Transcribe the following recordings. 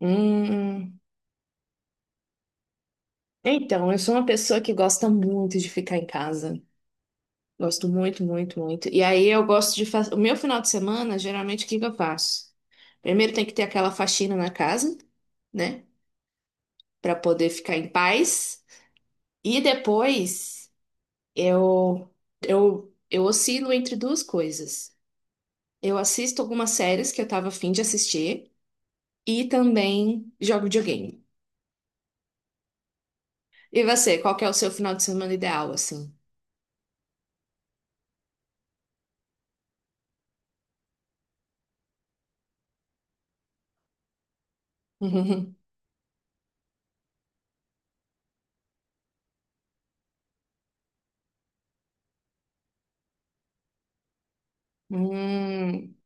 Hum, então, eu sou uma pessoa que gosta muito de ficar em casa. Gosto muito, muito, muito. E aí eu gosto de fazer. O meu final de semana, geralmente, o que que eu faço? Primeiro tem que ter aquela faxina na casa, né? Pra poder ficar em paz. E depois eu, eu oscilo entre duas coisas. Eu assisto algumas séries que eu tava afim de assistir e também jogo videogame. E você, qual que é o seu final de semana ideal, assim? Hum.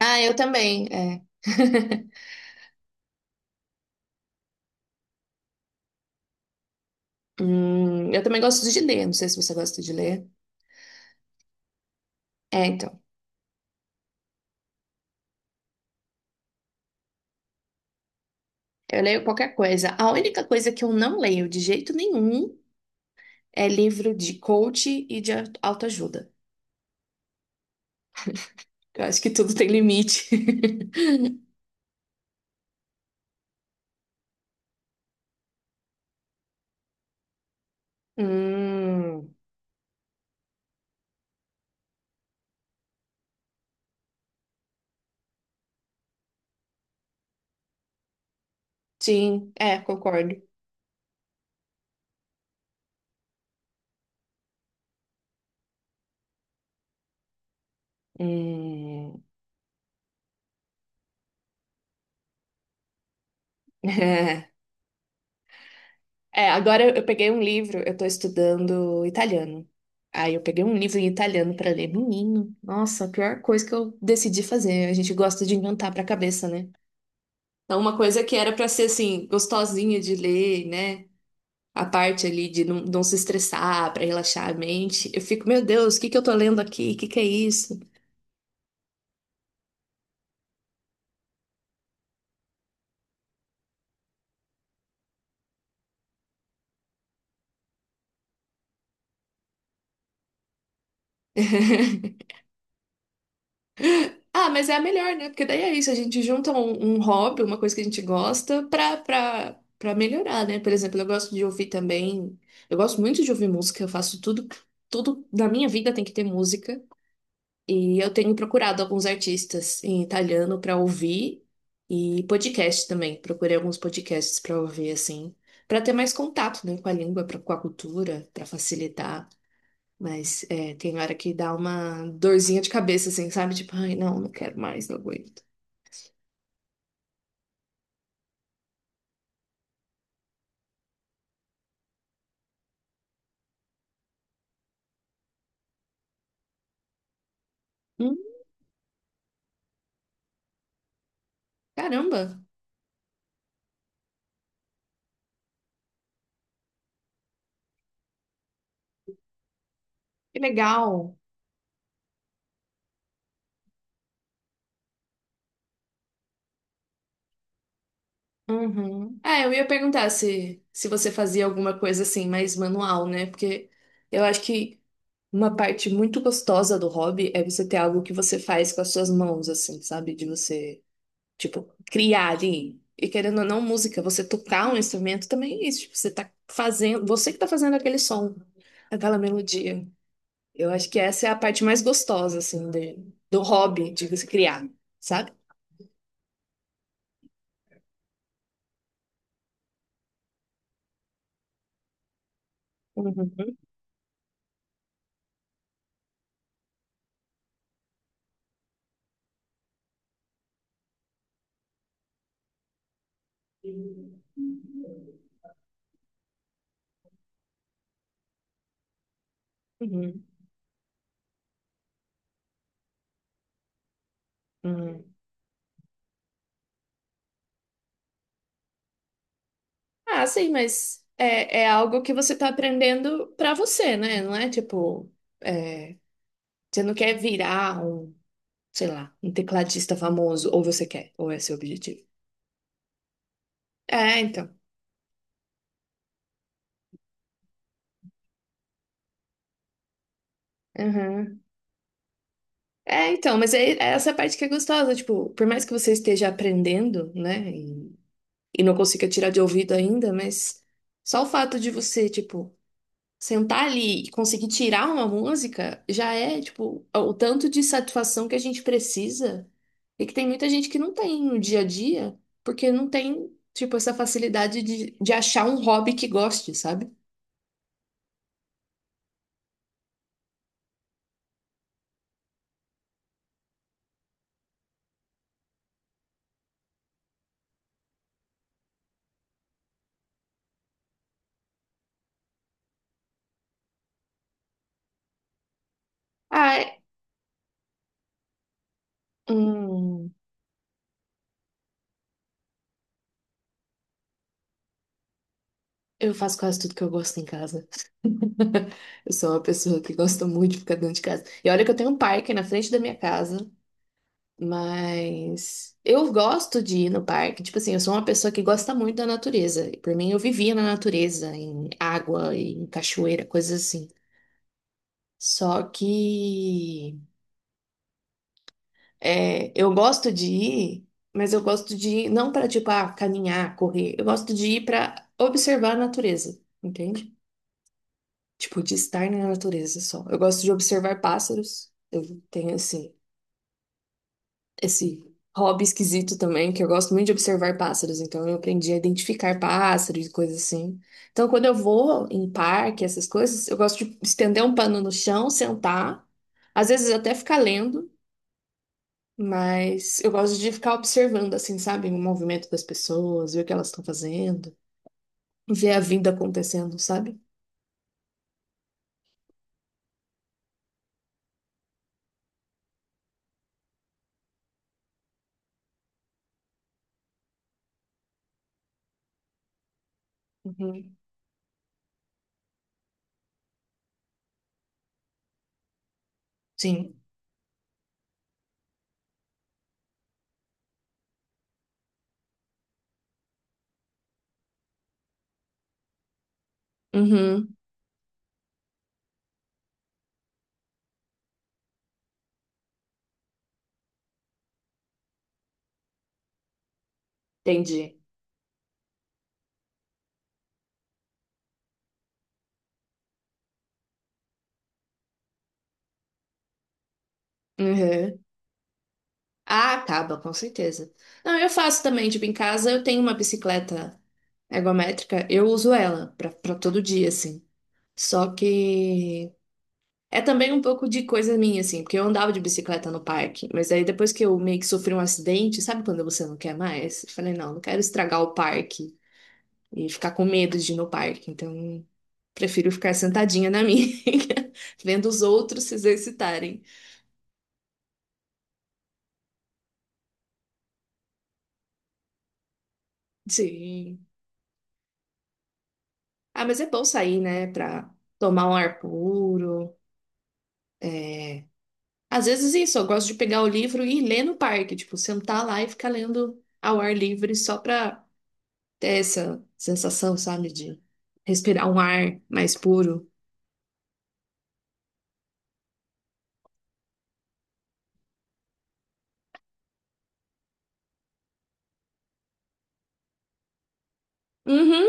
Ah, eu também, é. Eu também gosto de ler, não sei se você gosta de ler. É, então, eu leio qualquer coisa. A única coisa que eu não leio de jeito nenhum é livro de coach e de autoajuda. Eu acho que tudo tem limite. Hum, sim, é, concordo. Hum. É, agora eu peguei um livro, eu tô estudando italiano. Aí eu peguei um livro em italiano pra ler. Menino, nossa, a pior coisa que eu decidi fazer. A gente gosta de inventar pra cabeça, né? Então, uma coisa que era pra ser assim, gostosinha de ler, né? A parte ali de não, não se estressar, pra relaxar a mente. Eu fico, meu Deus, o que que eu tô lendo aqui? O que que é isso? Ah, mas é a melhor, né? Porque daí é isso, a gente junta um hobby, uma coisa que a gente gosta, pra melhorar, né? Por exemplo, eu gosto de ouvir também. Eu gosto muito de ouvir música, eu faço tudo, tudo na minha vida tem que ter música. E eu tenho procurado alguns artistas em italiano pra ouvir e podcast também. Procurei alguns podcasts pra ouvir, assim, pra ter mais contato, né, com a língua, pra, com a cultura, pra facilitar. Mas é, tem hora que dá uma dorzinha de cabeça, assim, sabe? Tipo, ai, não, não quero mais, não aguento. Hum, caramba, que legal. Uhum. Ah, eu ia perguntar se, se você fazia alguma coisa assim, mais manual, né? Porque eu acho que uma parte muito gostosa do hobby é você ter algo que você faz com as suas mãos, assim, sabe? De você, tipo, criar ali. E querendo ou não, música, você tocar um instrumento também é isso. Tipo, você tá fazendo, você que tá fazendo aquele som, aquela melodia. Eu acho que essa é a parte mais gostosa, assim, de- do hobby, de se criar, sabe? Uhum, uhum, uhum. Ah, sim, mas é, é algo que você tá aprendendo pra você, né? Não é tipo, é, você não quer virar um, sei lá, um tecladista famoso, ou você quer, ou é seu objetivo. É, então. Uhum. É, então, mas é, é essa parte que é gostosa, tipo, por mais que você esteja aprendendo, né, e não consiga tirar de ouvido ainda, mas só o fato de você, tipo, sentar ali e conseguir tirar uma música já é, tipo, o tanto de satisfação que a gente precisa e que tem muita gente que não tem no dia a dia, porque não tem, tipo, essa facilidade de, achar um hobby que goste, sabe? Ah, hum, eu faço quase tudo que eu gosto em casa. Eu sou uma pessoa que gosta muito de ficar dentro de casa. E olha que eu tenho um parque na frente da minha casa. Mas eu gosto de ir no parque. Tipo assim, eu sou uma pessoa que gosta muito da natureza. E por mim, eu vivia na natureza, em água, em cachoeira, coisas assim. Só que é, eu gosto de ir, mas eu gosto de ir não para, tipo, ah, caminhar, correr. Eu gosto de ir para observar a natureza, entende? Tipo, de estar na natureza só. Eu gosto de observar pássaros. Eu tenho, assim, esse hobby esquisito também, que eu gosto muito de observar pássaros, então eu aprendi a identificar pássaros e coisas assim. Então, quando eu vou em parque, essas coisas, eu gosto de estender um pano no chão, sentar, às vezes até ficar lendo, mas eu gosto de ficar observando, assim, sabe, o movimento das pessoas, ver o que elas estão fazendo, ver a vida acontecendo, sabe? Uhum. Sim. Uhum. Entendi. Uhum. Ah, acaba, com certeza. Não, eu faço também, tipo, em casa eu tenho uma bicicleta ergométrica, eu uso ela pra, pra todo dia, assim. Só que é também um pouco de coisa minha, assim, porque eu andava de bicicleta no parque, mas aí depois que eu meio que sofri um acidente, sabe quando você não quer mais? Eu falei, não, não quero estragar o parque e ficar com medo de ir no parque, então prefiro ficar sentadinha na minha, vendo os outros se exercitarem. Sim. Ah, mas é bom sair, né, pra tomar um ar puro. É, às vezes isso, eu gosto de pegar o livro e ler no parque, tipo, sentar lá e ficar lendo ao ar livre só pra ter essa sensação, sabe, de respirar um ar mais puro. Uhum,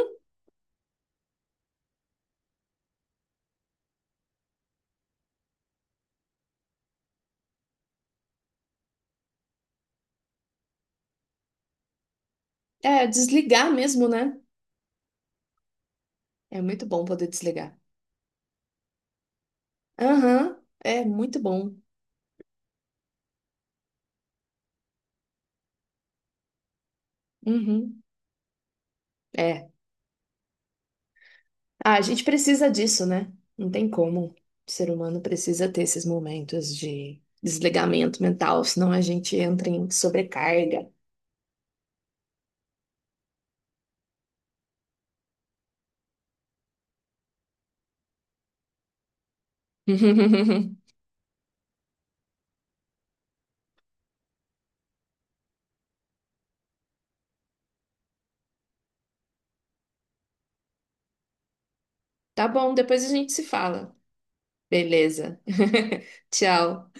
é, desligar mesmo, né? É muito bom poder desligar. Aham, é muito bom. Uhum, é. Ah, a gente precisa disso, né? Não tem como. O ser humano precisa ter esses momentos de desligamento mental, senão a gente entra em sobrecarga. Tá bom, depois a gente se fala. Beleza. Tchau.